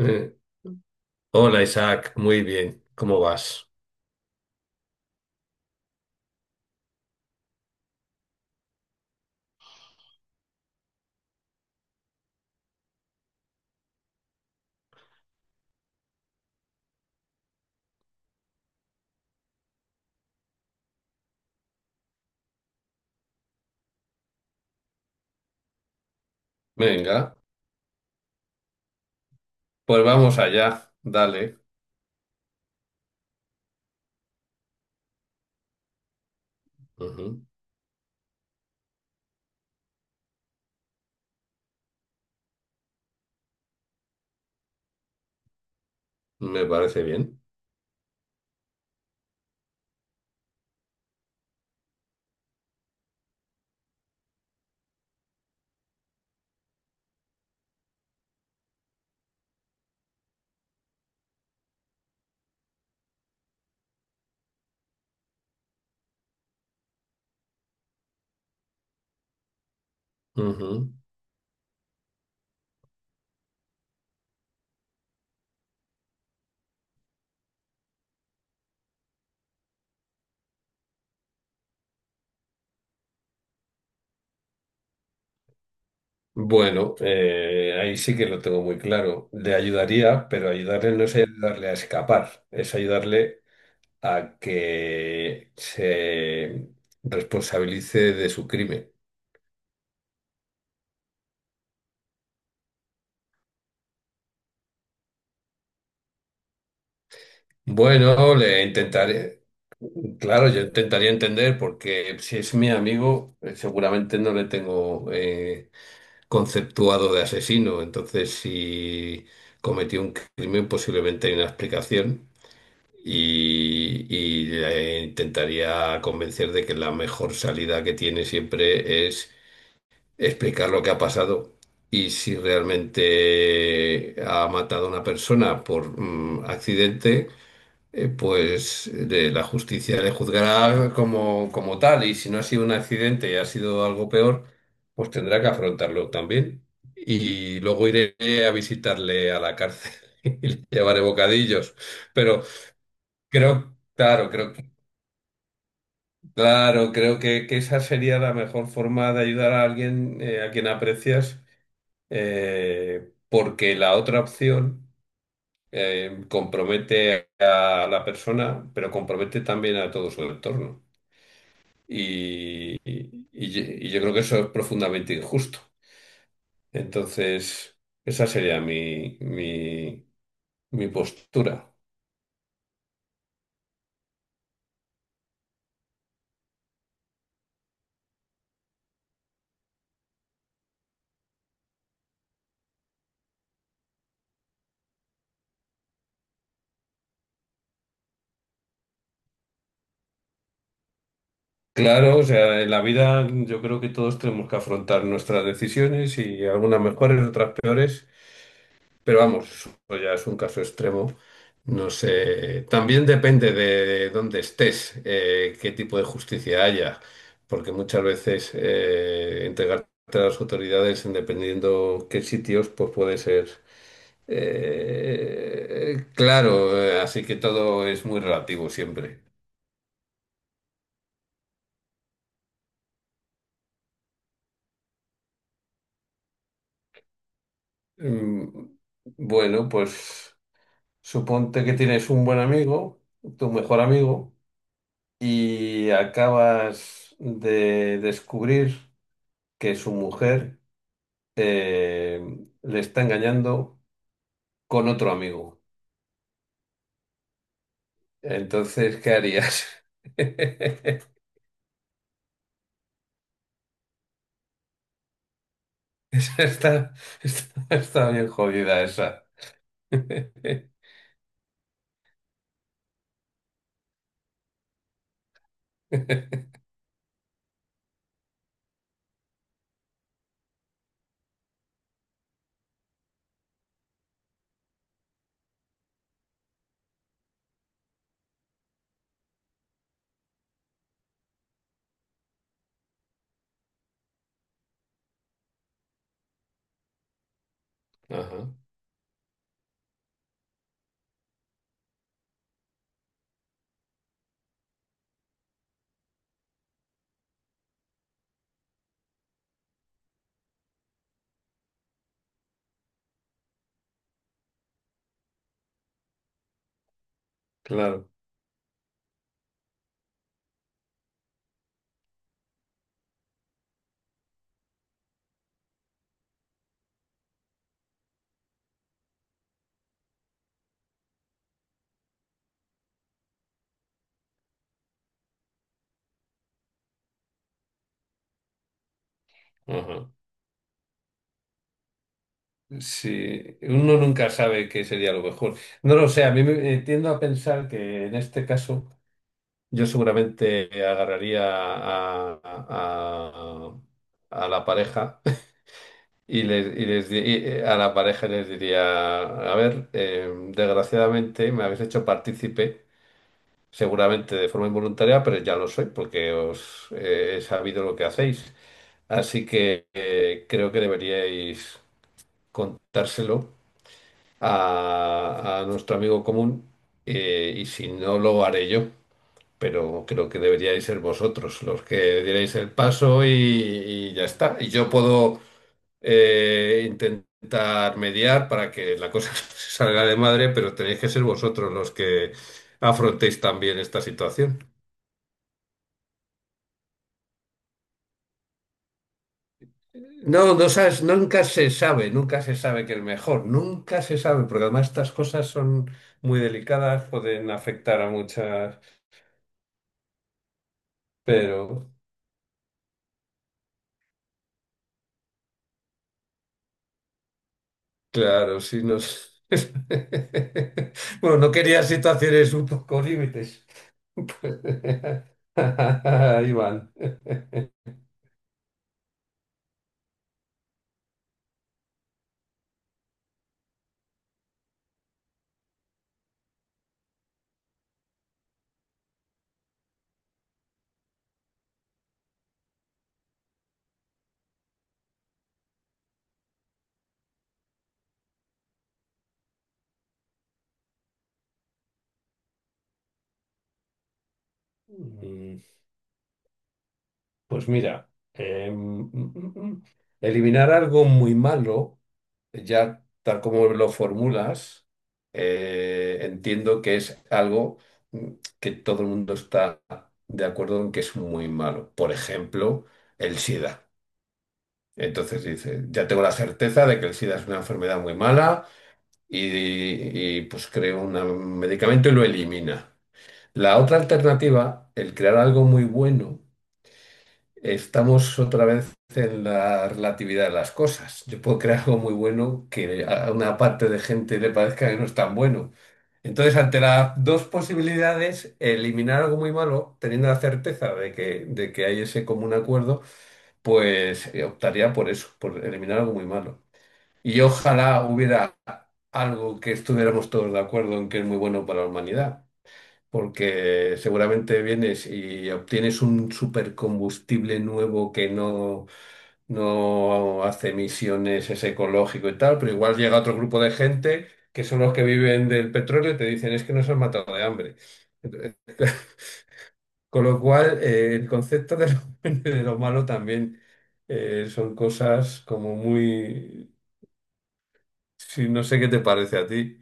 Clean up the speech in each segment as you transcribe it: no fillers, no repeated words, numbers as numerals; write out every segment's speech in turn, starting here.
Eh, hola Isaac, muy bien, ¿cómo vas? Venga, pues vamos allá, dale. Ujú. Me parece bien. Ujú. Bueno, ahí sí que lo tengo muy claro. Le ayudaría, pero ayudarle no es ayudarle a escapar, es ayudarle a que se responsabilice de su crimen. Bueno, le intentaré, claro, yo intentaría entender porque si es mi amigo, seguramente no le tengo conceptuado de asesino. Entonces, si cometió un crimen, posiblemente hay una explicación y, le intentaría convencer de que la mejor salida que tiene siempre es explicar lo que ha pasado. Y si realmente ha matado a una persona por accidente, pues de la justicia le juzgará como, como tal y si no ha sido un accidente y ha sido algo peor, pues tendrá que afrontarlo también. Y luego iré a visitarle a la cárcel y le llevaré bocadillos. Pero creo, claro, creo que esa sería la mejor forma de ayudar a alguien a quien aprecias, porque la otra opción compromete a la persona, pero compromete también a todo su entorno. Y, yo creo que eso es profundamente injusto. Entonces, esa sería mi postura. Claro, o sea, en la vida yo creo que todos tenemos que afrontar nuestras decisiones y algunas mejores, otras peores. Pero vamos, eso ya es un caso extremo. No sé. También depende de dónde estés, qué tipo de justicia haya, porque muchas veces entregarte a las autoridades, en dependiendo qué sitios, pues puede ser claro. Así que todo es muy relativo siempre. Mm, Bueno, pues suponte que tienes un buen amigo, tu mejor amigo. Y acabas de descubrir que su mujer eh, le está engañando con otro amigo. Entonces, ¿qué harías? Esa está, está bien jodida esa. Ajá, claro. Ajá. Sí, uno nunca sabe qué sería lo mejor. No lo sé, a mí me tiendo a pensar que en este caso yo seguramente agarraría a la pareja. Y, a la pareja les diría, a ver, desgraciadamente me habéis hecho partícipe, seguramente de forma involuntaria, pero ya lo soy porque os he sabido lo que hacéis. Así que creo que deberíais contárselo a nuestro amigo común, y si no lo haré yo. Pero creo que deberíais ser vosotros los que dierais el paso y ya está. Y yo puedo intentar mediar para que la cosa se salga de madre, pero tenéis que ser vosotros los que afrontéis también esta situación. No, no sabes, nunca se sabe, nunca se sabe, porque además estas cosas son muy delicadas, pueden afectar a muchas, pero... Claro, sí, nos... Bueno, no quería situaciones un poco límites. Ahí van. Mm, Pues mira, eliminar algo muy malo, ya tal como lo formulas, entiendo que es algo mm, que todo el mundo está de acuerdo en que es muy malo. Por ejemplo, el SIDA. Entonces dice, ya tengo la certeza de que el SIDA es una enfermedad muy mala y, pues creo un medicamento y lo elimina. La otra alternativa, el crear algo muy bueno, estamos otra vez en la relatividad de las cosas. Yo puedo crear algo muy bueno que a una parte de gente le parezca que no es tan bueno. Entonces, ante las dos posibilidades, eliminar algo muy malo, teniendo la certeza de que hay ese común acuerdo, pues optaría por eso, por eliminar algo muy malo. Y ojalá hubiera algo que estuviéramos todos de acuerdo en que es muy bueno para la humanidad, porque seguramente vienes y obtienes un supercombustible nuevo que no, no hace emisiones, es ecológico y tal, pero igual llega otro grupo de gente que son los que viven del petróleo y te dicen es que nos han matado de hambre. Entonces, con lo cual, el concepto de lo, bueno de lo malo también son cosas como muy... Sí, no sé qué te parece a ti.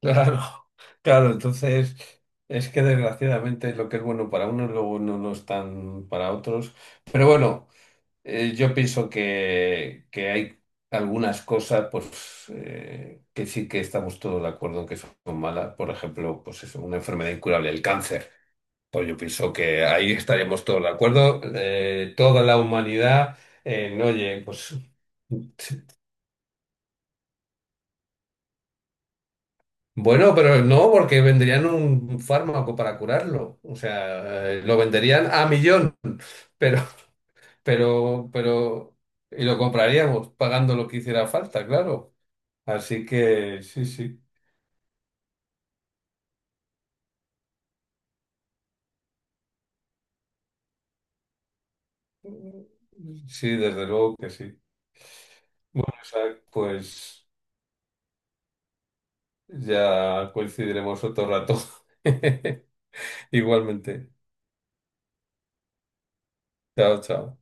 Claro, claro, entonces es que desgraciadamente lo que es bueno para unos luego no lo es tan para otros. Pero bueno, yo pienso que hay algunas cosas pues que sí que estamos todos de acuerdo en que son malas. Por ejemplo, pues eso, una enfermedad incurable, el cáncer. Pues yo pienso que ahí estaríamos todos de acuerdo. Toda la humanidad, no, oye, pues bueno, pero no, porque venderían un fármaco para curarlo. O sea, lo venderían a millón, pero, pero, y lo compraríamos pagando lo que hiciera falta, claro. Así que sí, sí. Sí, desde luego que sí. Bueno, Isaac, pues ya coincidiremos otro rato. Igualmente. Chao, chao.